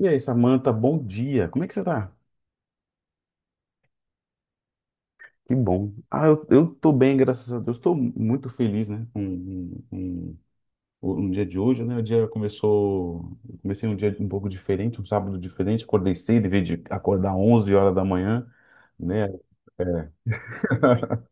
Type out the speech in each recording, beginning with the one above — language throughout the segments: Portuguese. E aí, Samanta, bom dia. Como é que você tá? Que bom. Eu tô bem, graças a Deus. Estou muito feliz, né? Um dia de hoje, né? O dia começou. Eu Comecei um dia um pouco diferente, um sábado diferente. Acordei cedo, em vez de acordar 11 horas da manhã, né? É.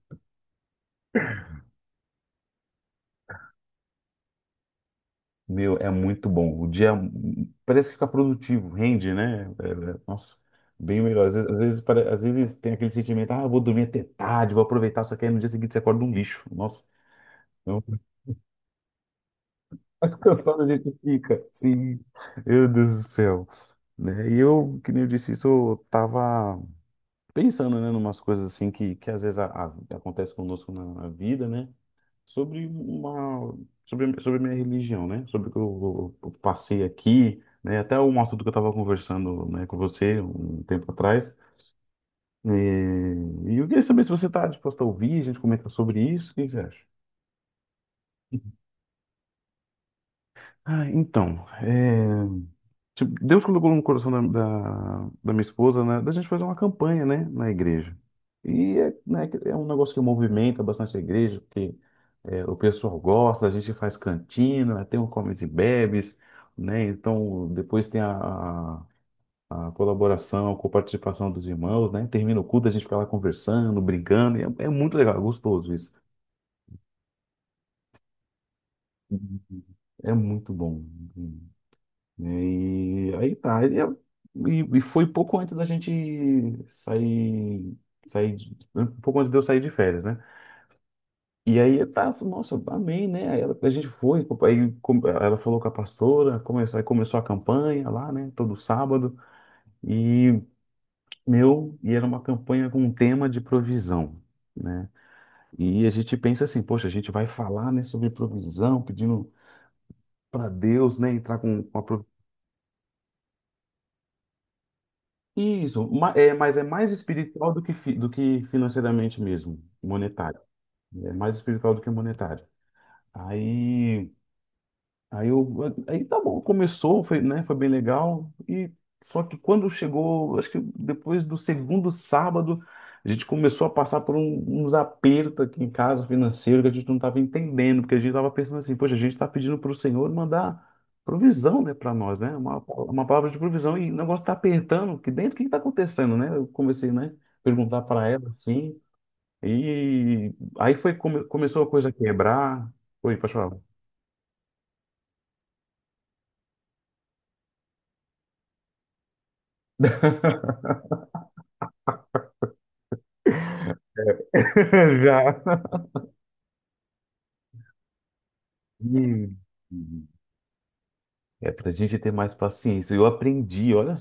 Meu, é muito bom. O dia parece que fica produtivo, rende, né? Nossa, bem melhor. Às vezes tem aquele sentimento, ah, eu vou dormir até tarde, vou aproveitar, só que aí no dia seguinte você acorda um lixo. Nossa. É um mais cansado a gente fica. Sim, meu Deus do céu. Né? E eu, que nem eu disse isso, eu tava pensando, né, numas coisas assim que às vezes acontece conosco na vida, né? Sobre uma, sobre a minha religião, né? Sobre o que eu passei aqui, né? Até um assunto que eu tava conversando, né, com você um tempo atrás. E, e eu queria saber se você tá disposto a ouvir, a gente comenta sobre isso, o que que você acha? Ah, então, tipo, Deus colocou no coração da minha esposa, né, da gente fazer uma campanha, né, na igreja. E é, né, é um negócio que movimenta bastante a igreja, porque é, o pessoal gosta, a gente faz cantina, né, tem o comes e bebes, né, então depois tem a colaboração, com a participação dos irmãos, né, termina o culto, a gente fica lá conversando, brincando, e é, é muito legal, é gostoso isso. É muito bom. Né? E aí tá. E foi pouco antes da gente sair, um pouco antes de eu sair de férias, né? E aí eu tava, nossa, amei, né? A gente foi, ela falou com a pastora, começou, aí começou a campanha lá, né? Todo sábado. E meu, e era uma campanha com um tema de provisão, né? E a gente pensa assim, poxa, a gente vai falar, né, sobre provisão, pedindo para Deus, né, entrar com a isso, é, mas é mais espiritual do que, do que financeiramente mesmo, monetário. É mais espiritual do que monetário. Aí. Aí eu, Aí tá bom, começou, foi, né, foi bem legal. E só que quando chegou, acho que depois do segundo sábado, a gente começou a passar por uns apertos aqui em casa financeiro que a gente não estava entendendo, porque a gente estava pensando assim, poxa, a gente está pedindo para o Senhor mandar provisão, né, para nós, né, uma palavra de provisão e o negócio está apertando aqui dentro, o que está acontecendo, né? Eu comecei, né, perguntar para ela assim, e aí foi começou a coisa a quebrar. Oi, pode falar. Já. Hum. É para a gente ter mais paciência. Eu aprendi, olha,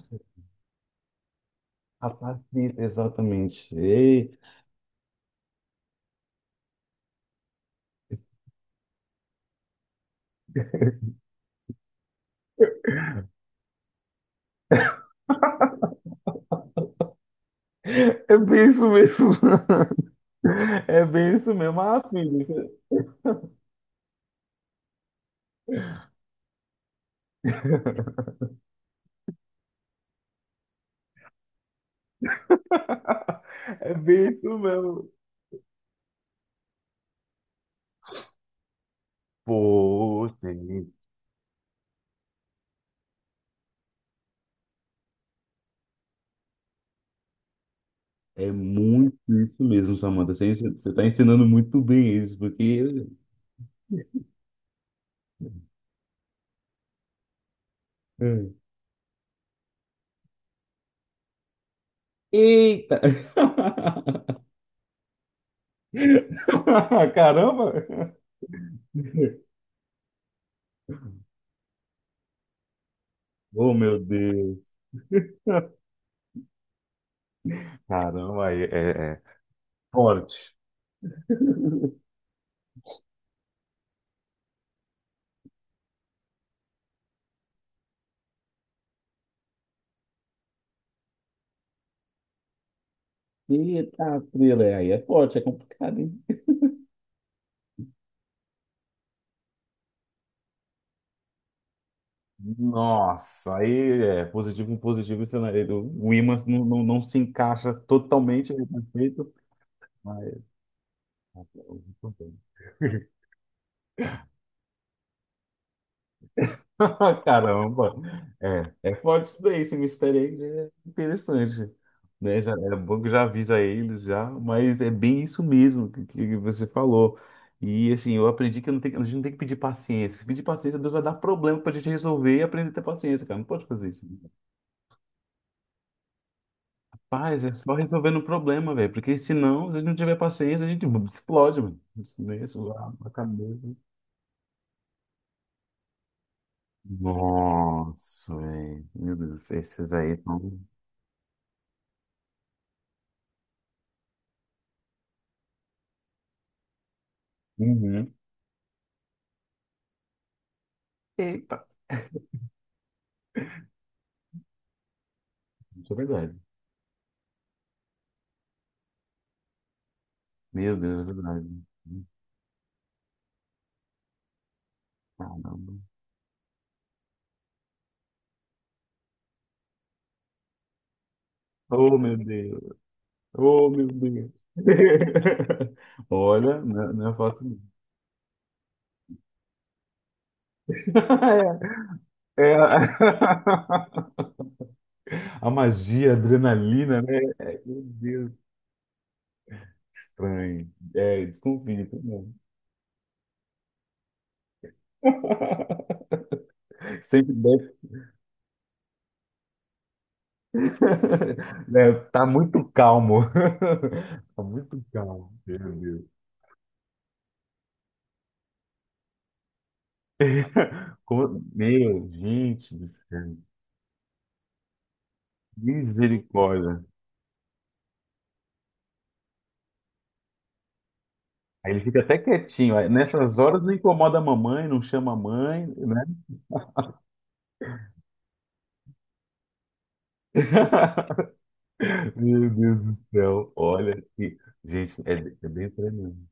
a paciência, exatamente. Ei, é bem isso mesmo. É bem isso mesmo. Ah, filho, isso- é é bem isso mesmo. Pô, tem- é muito isso mesmo, Samanta. Você, você está ensinando muito bem isso, porque. Hum. Eita! Caramba! Oh, meu Deus! Caramba, é forte. Eita, frila, é aí é forte, é complicado, hein? Nossa, aí é positivo com positivo, isso não- o ímã não se encaixa totalmente no perfeito, mas caramba, é, é forte isso daí, esse mistério aí é interessante, né? Já, é bom que já avisa eles já, mas é bem isso mesmo que você falou. E assim, eu aprendi que eu não tenho- a gente não tem que pedir paciência. Se pedir paciência, Deus vai dar problema pra gente resolver e aprender a ter paciência, cara. Não pode fazer isso. Né? Paz, é só resolvendo o problema, velho. Porque senão, se a gente não tiver paciência, a gente explode, mano. Isso, né? Isso, a cabeça. Nossa, velho. Meu Deus, esses aí estão. Uhum. Eita, isso é verdade. Meu Deus, é verdade. Caramba. Oh, meu Deus. Oh, meu Deus. Olha, não é fácil. Não. É, é a... A magia, a adrenalina, né? É, meu Deus, estranho. É, desconfio. Sempre bem. Né, tá muito calmo. Tá muito calmo. Meu Deus. Como- meu, gente do céu. Misericórdia. Aí ele fica até quietinho. Aí, nessas horas não incomoda a mamãe, não chama a mãe, né? Meu Deus do céu. Olha que. Gente, é, é bem tremendo.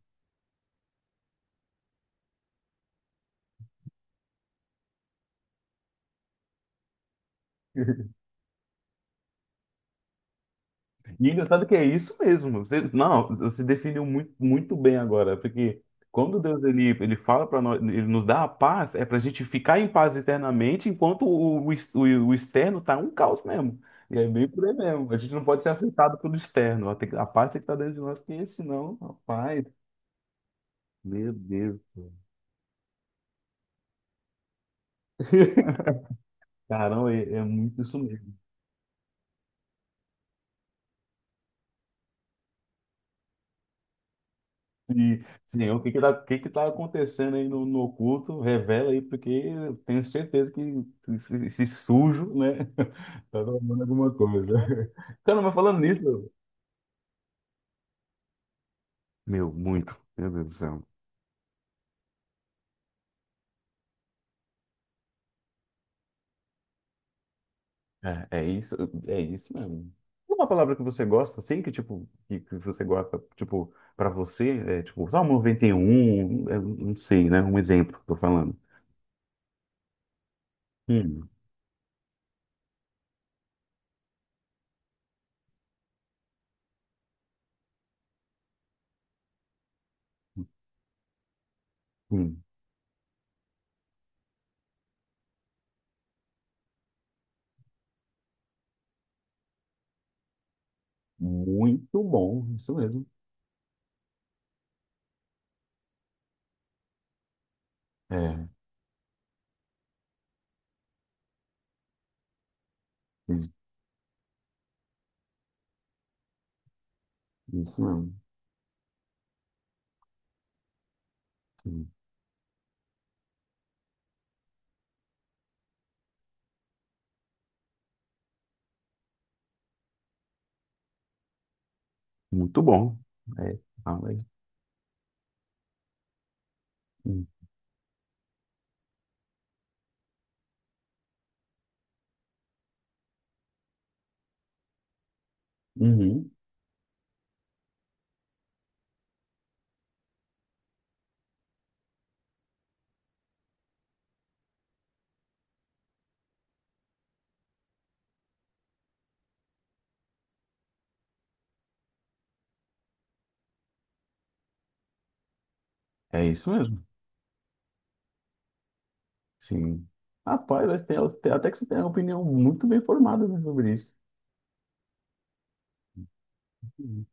E engraçado que é isso mesmo. Você, não, você definiu muito bem agora, porque quando Deus ele fala para nós, ele nos dá a paz, é para a gente ficar em paz eternamente, enquanto o externo tá um caos mesmo. E é bem por aí mesmo. A gente não pode ser afetado pelo externo. A, tem- que- a paz tem que estar dentro de nós, porque senão, rapaz, meu Deus do céu. Caramba, é, é muito isso mesmo. Sim, sim, o que que tá, o que que tá acontecendo aí no oculto, revela aí, porque eu tenho certeza que esse sujo, né, tá tomando alguma coisa. Cara, mas falando nisso, meu, muito, meu Deus do céu. É, é isso mesmo. Uma palavra que você gosta, assim, que tipo, que você gosta, tipo, pra você, é tipo, Salmo 91, é, não sei, né, um exemplo, tô falando. Hum, hum, muito bom, isso mesmo. É, isso mesmo. Hum. Muito bom. É, ah, mas- hum, uhum, é isso mesmo. Sim. Rapaz, mas tem- tem- até que você tem uma opinião muito bem formada, né, sobre isso. Hum.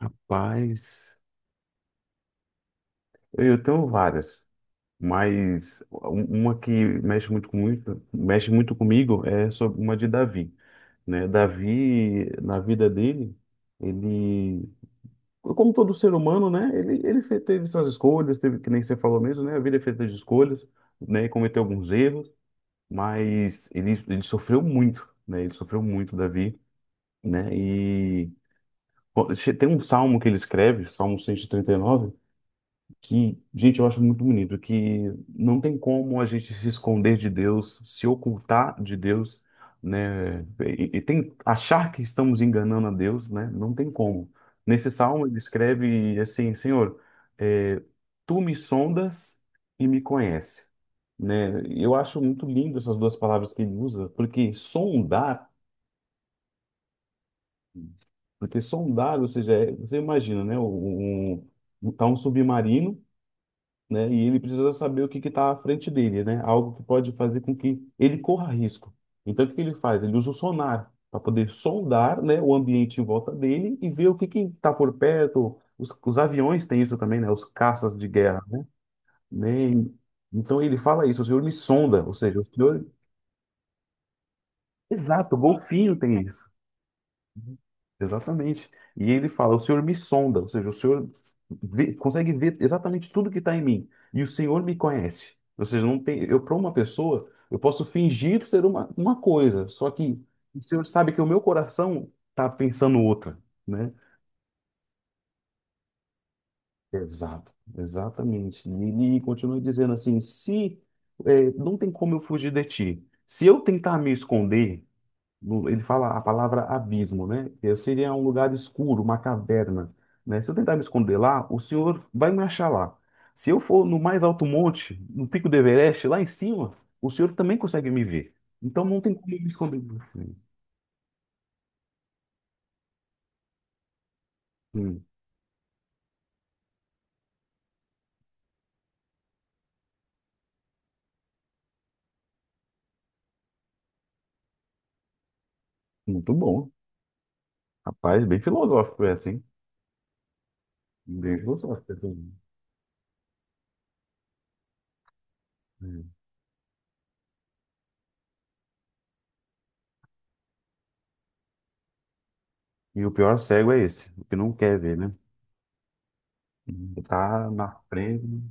Rapaz, eu tenho várias, mas um- uma que mexe muito com muito, mexe muito comigo é sobre uma de Davi, né? Davi, na vida dele, ele, como todo ser humano, né? Teve suas escolhas, teve, que nem você falou mesmo, né? A vida é feita de escolhas, né? E cometeu alguns erros. Mas ele sofreu muito, né? Ele sofreu muito, Davi, né? E pô, tem um salmo que ele escreve, Salmo cento e trinta e nove que, gente, eu acho muito bonito, que não tem como a gente se esconder de Deus, se ocultar de Deus, né? E tem achar que estamos enganando a Deus, né? Não tem como. Nesse salmo ele escreve assim, Senhor, eh, tu me sondas e me conhece, né? Eu acho muito lindo essas duas palavras que ele usa, porque sondar, ou seja, é- você imagina, né? Um, tá um submarino né? E ele precisa saber o que está à frente dele, né? Algo que pode fazer com que ele corra risco. Então, o que que ele faz? Ele usa o sonar para poder sondar, né, o ambiente em volta dele e ver o que que está por perto. Os aviões têm isso também, né? Os caças de guerra, né? Né? Então, ele fala isso, o senhor me sonda, ou seja, o senhor... Exato, o golfinho tem isso. Exatamente. E ele fala: O Senhor me sonda, ou seja, o Senhor vê- consegue ver exatamente tudo que está em mim, e o Senhor me conhece. Ou seja, não tem, eu para uma pessoa, eu posso fingir ser uma coisa, só que o Senhor sabe que o meu coração está pensando outra, né? Exato, exatamente. E ele continua dizendo assim: se eh, não tem como eu fugir de ti, se eu tentar me esconder, no- ele fala a palavra abismo, né? Que seria um lugar escuro, uma caverna, né? Se eu tentar me esconder lá, o Senhor vai me achar lá. Se eu for no mais alto monte, no pico do Everest, lá em cima, o Senhor também consegue me ver. Então não tem como eu me esconder de você. Hum, muito bom. Rapaz, bem filosófico é assim. Bem filosófico assim. Hum. E o pior cego é esse, o que não quer ver, né? Tá na frente.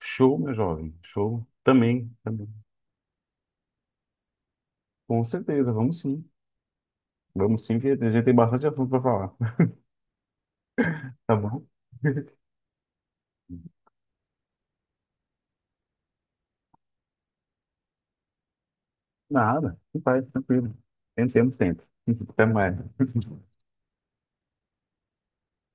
Show, meu jovem. Show. Também, também. Com certeza, vamos sim. Vamos sim, que a gente tem bastante assunto para falar. Tá bom? Nada. Não faz, tranquilo. Temos, temos tempo. Até mais.